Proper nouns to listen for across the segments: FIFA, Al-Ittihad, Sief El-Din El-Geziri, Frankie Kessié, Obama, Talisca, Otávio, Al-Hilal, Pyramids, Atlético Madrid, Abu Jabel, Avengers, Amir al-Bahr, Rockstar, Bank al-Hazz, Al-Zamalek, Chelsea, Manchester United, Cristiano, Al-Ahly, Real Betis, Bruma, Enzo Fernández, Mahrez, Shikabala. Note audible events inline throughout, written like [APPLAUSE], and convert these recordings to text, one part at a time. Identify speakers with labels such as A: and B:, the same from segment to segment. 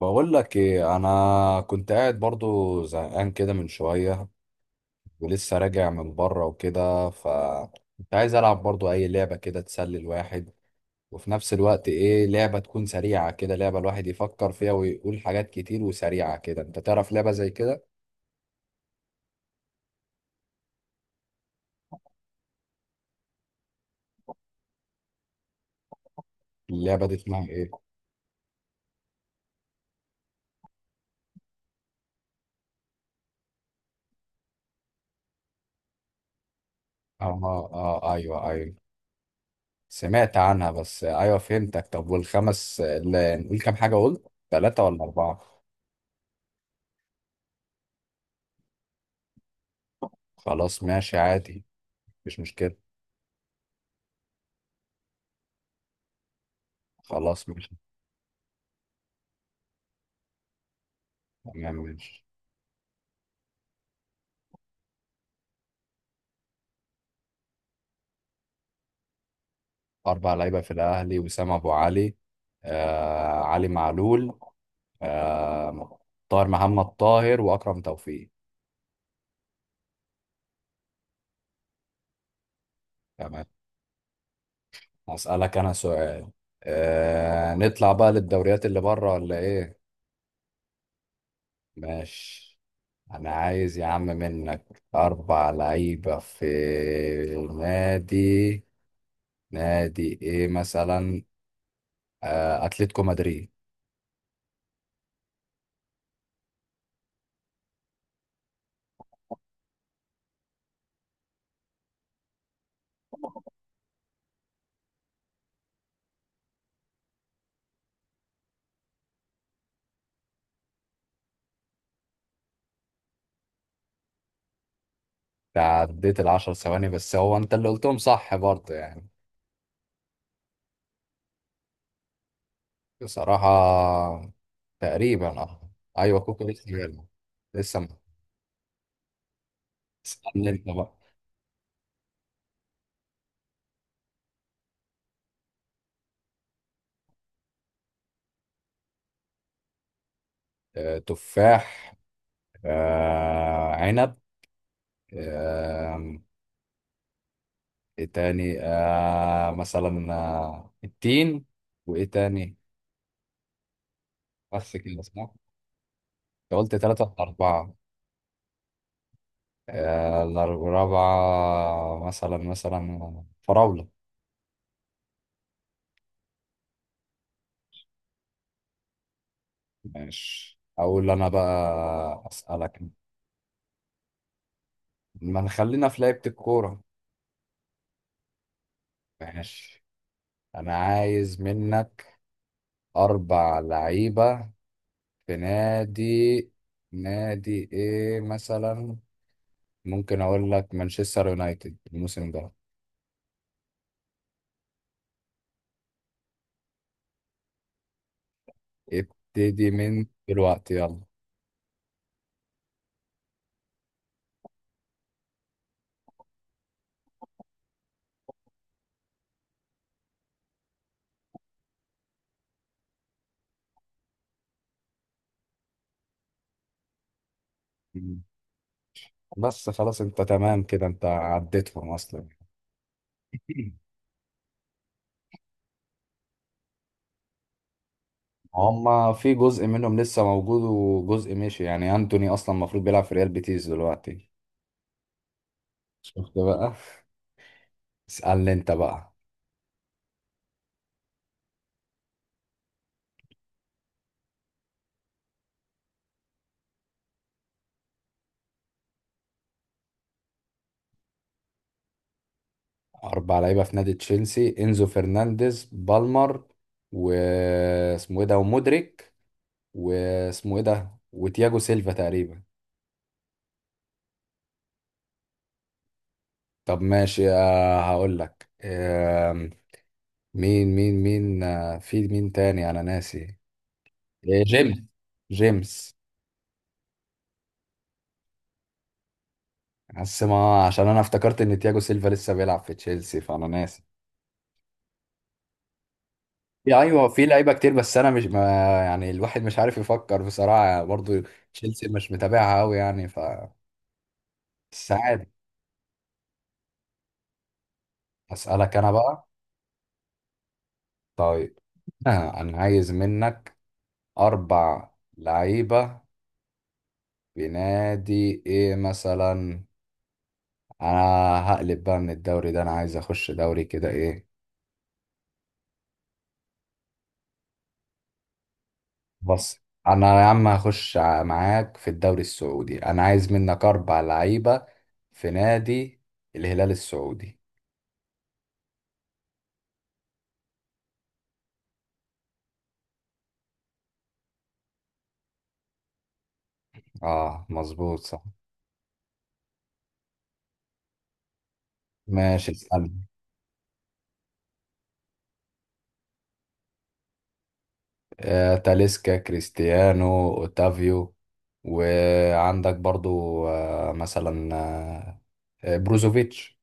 A: بقول لك ايه، انا كنت قاعد برضو زهقان كده من شويه، ولسه راجع من بره وكده ف كنت عايز العب برضو اي لعبه كده تسلي الواحد، وفي نفس الوقت ايه لعبه تكون سريعه كده، لعبه الواحد يفكر فيها ويقول حاجات كتير وسريعه كده، انت تعرف لعبه زي كده؟ اللعبه دي اسمها ايه؟ اه اه آه، ايوه ايوه، سمعت عنها بس ايوه فهمتك. طب والخمس لا، نقول كام حاجه؟ قلت ثلاثه ولا اربعه؟ خلاص ماشي عادي، مش مشكله. خلاص ماشي. تمام ماشي. أربع لعيبة في الأهلي: وسام أبو علي، علي معلول، آه، طاهر محمد طاهر وأكرم توفيق. تمام. هسألك أنا سؤال، نطلع بقى للدوريات اللي بره ولا إيه؟ ماشي. أنا عايز يا عم منك أربع لعيبة في نادي، نادي إيه مثلا؟ أتلتيكو مدريد. تعديت العشر ثواني بس هو أنت اللي قلتهم، صح برضه يعني. بصراحة تقريبا اه. ايوه كوكا لسه جايلنا. لسه م- استنى انت بقى. تفاح، عنب، آه، ايه تاني؟ مثلا التين. وايه تاني؟ بس كده صح؟ انت قلت تلاتة ولا أربعة؟ الأربعة مثلا، فراولة. ماشي، أقول أنا بقى أسألك. ما نخلينا في لعبة الكورة. ماشي انا عايز منك اربع لعيبة في نادي نادي ايه مثلا؟ ممكن اقول لك مانشستر يونايتد الموسم ده. ابتدي من دلوقتي يلا. مم. بس خلاص انت تمام كده، انت عديتهم اصلا. [LAUGHS] هما في جزء منهم لسه موجود وجزء مشي، يعني انتوني اصلا المفروض بيلعب في ريال بيتيس دلوقتي. شفت بقى. اسألني انت بقى. أربع لعيبة في نادي تشيلسي: إنزو فرنانديز، بالمر، واسمه إيه ده، ومودريك، واسمه إيه ده، وتياجو سيلفا تقريبا. طب ماشي، هقول لك. مين، في مين تاني؟ أنا ناسي. جيمس، جيمس. بس ما عشان أنا افتكرت إن تياجو سيلفا لسه بيلعب في تشيلسي فأنا ناسي. يا أيوه في لعيبة كتير بس أنا مش ما يعني الواحد مش عارف يفكر بصراحة برضو. تشيلسي مش متابعها أوي يعني ف ساعات. أسألك أنا بقى. طيب، أنا عايز منك أربع لعيبة في نادي إيه مثلا؟ أنا هقلب بقى من الدوري ده، أنا عايز أخش دوري كده إيه. بص، أنا يا عم هخش معاك في الدوري السعودي. أنا عايز منك أربع لعيبة في نادي الهلال السعودي. آه مظبوط صح. ماشي اسأل. تاليسكا، كريستيانو، اوتافيو، وعندك برضو مثلا بروزوفيتش.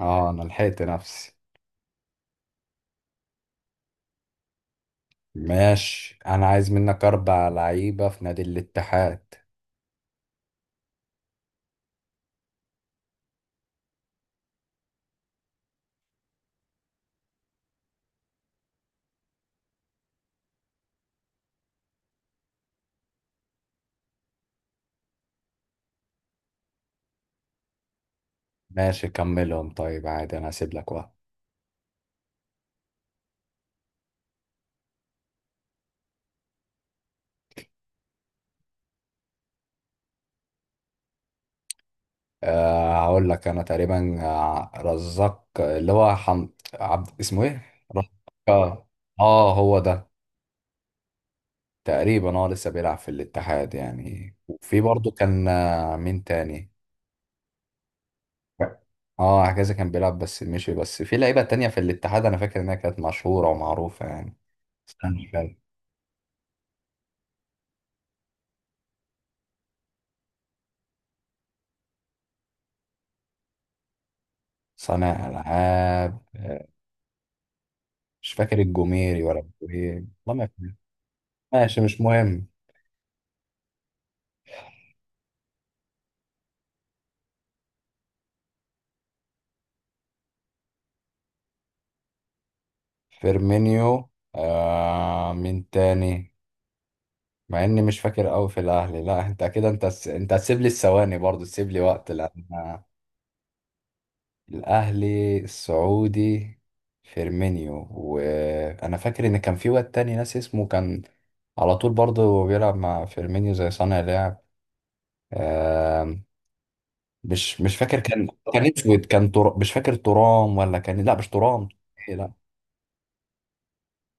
A: اه انا لحقت نفسي. ماشي انا عايز منك اربع لعيبة في نادي الاتحاد. ماشي كملهم، طيب عادي انا هسيب لك واحد. أه هقول لك انا تقريبا، رزاق، اللي هو عبد اسمه ايه؟ رزاق، اه، هو ده. تقريبا اه لسه بيلعب في الاتحاد يعني. وفي برضه كان، مين تاني؟ اه هكذا كان بيلعب بس مشي. بس في لعيبة تانية في الاتحاد انا فاكر انها كانت مشهورة ومعروفة يعني. استنى كده. صانع العاب، مش فاكر الجوميري ولا ايه، والله ما فاكر. ماشي مش مهم. فيرمينيو، آه، مين تاني؟ مع اني مش فاكر قوي في الاهلي. لا انت كده، انت هتسيب لي الثواني برضو، تسيب لي وقت لان الاهلي السعودي. فيرمينيو، وانا فاكر ان كان في واد تاني ناس اسمه، كان على طول برضه بيلعب مع فيرمينيو زي صانع لعب. آم، مش فاكر، كان اسود، كان مش فاكر ترام ولا كان، لا مش ترام. إيه لا،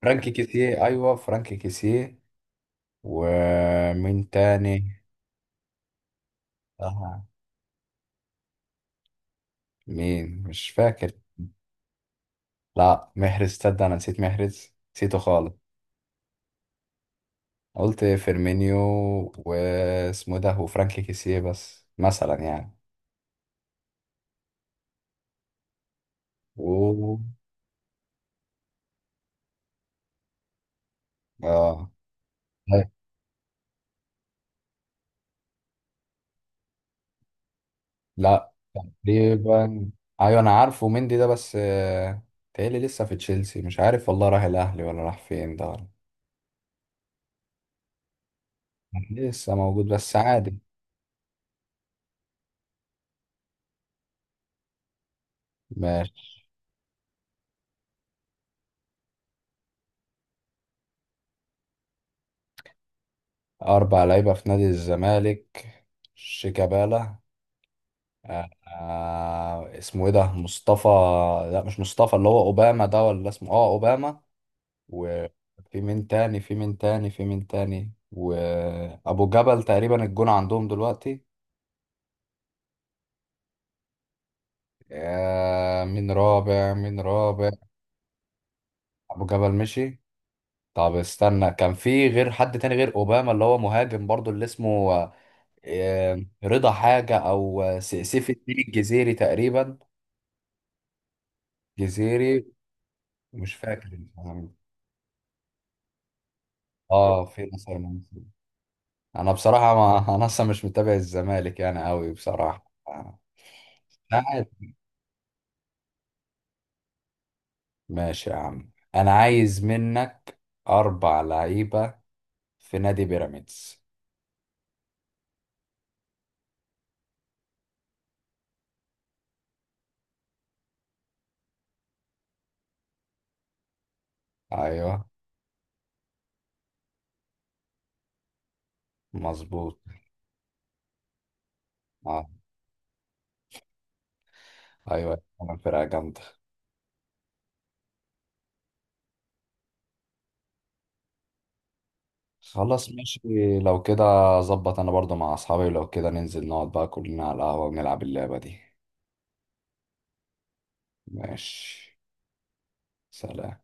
A: فرانكي كيسيه، ايوه فرانكي كيسيه. ومين تاني؟ آه. مين؟ مش فاكر. لا محرز، تصدق انا نسيت محرز، نسيته خالص. قلت فيرمينيو، واسمه ده، وفرانك كيسيه، بس مثلا يعني. و اه، لا لا، تقريبا. ايوه انا عارفه مندي ده بس، تهيألي لسه في تشيلسي مش عارف، والله راح الاهلي ولا راح فين ده ولا. لسه موجود بس عادي. ماشي. اربع لعيبه في نادي الزمالك: شيكابالا، اسمه ايه ده، مصطفى؟ لا مش مصطفى، اللي هو اوباما ده، ولا اسمه، اه، اوباما. وفي مين تاني، وأبو جبل تقريبا الجون عندهم دلوقتي. مين رابع؟ أبو جبل مشي. طب استنى، كان في غير حد تاني غير أوباما، اللي هو مهاجم برضو، اللي اسمه رضا حاجة، أو سيف الدين الجزيري تقريبا. جزيري، مش فاكر الاسم. اه في نصر المنصوري. انا بصراحة ما [LAUGHS] انا اصلا مش متابع الزمالك يعني قوي بصراحة. لا. ماشي يا عم، انا عايز منك اربع لعيبة في نادي بيراميدز. ايوه مظبوط. آه. ايوه انا فرقة جامدة. خلاص ماشي. لو كده، ظبط، انا برضو مع اصحابي لو كده ننزل نقعد بقى كلنا على القهوة ونلعب اللعبة دي. ماشي. سلام.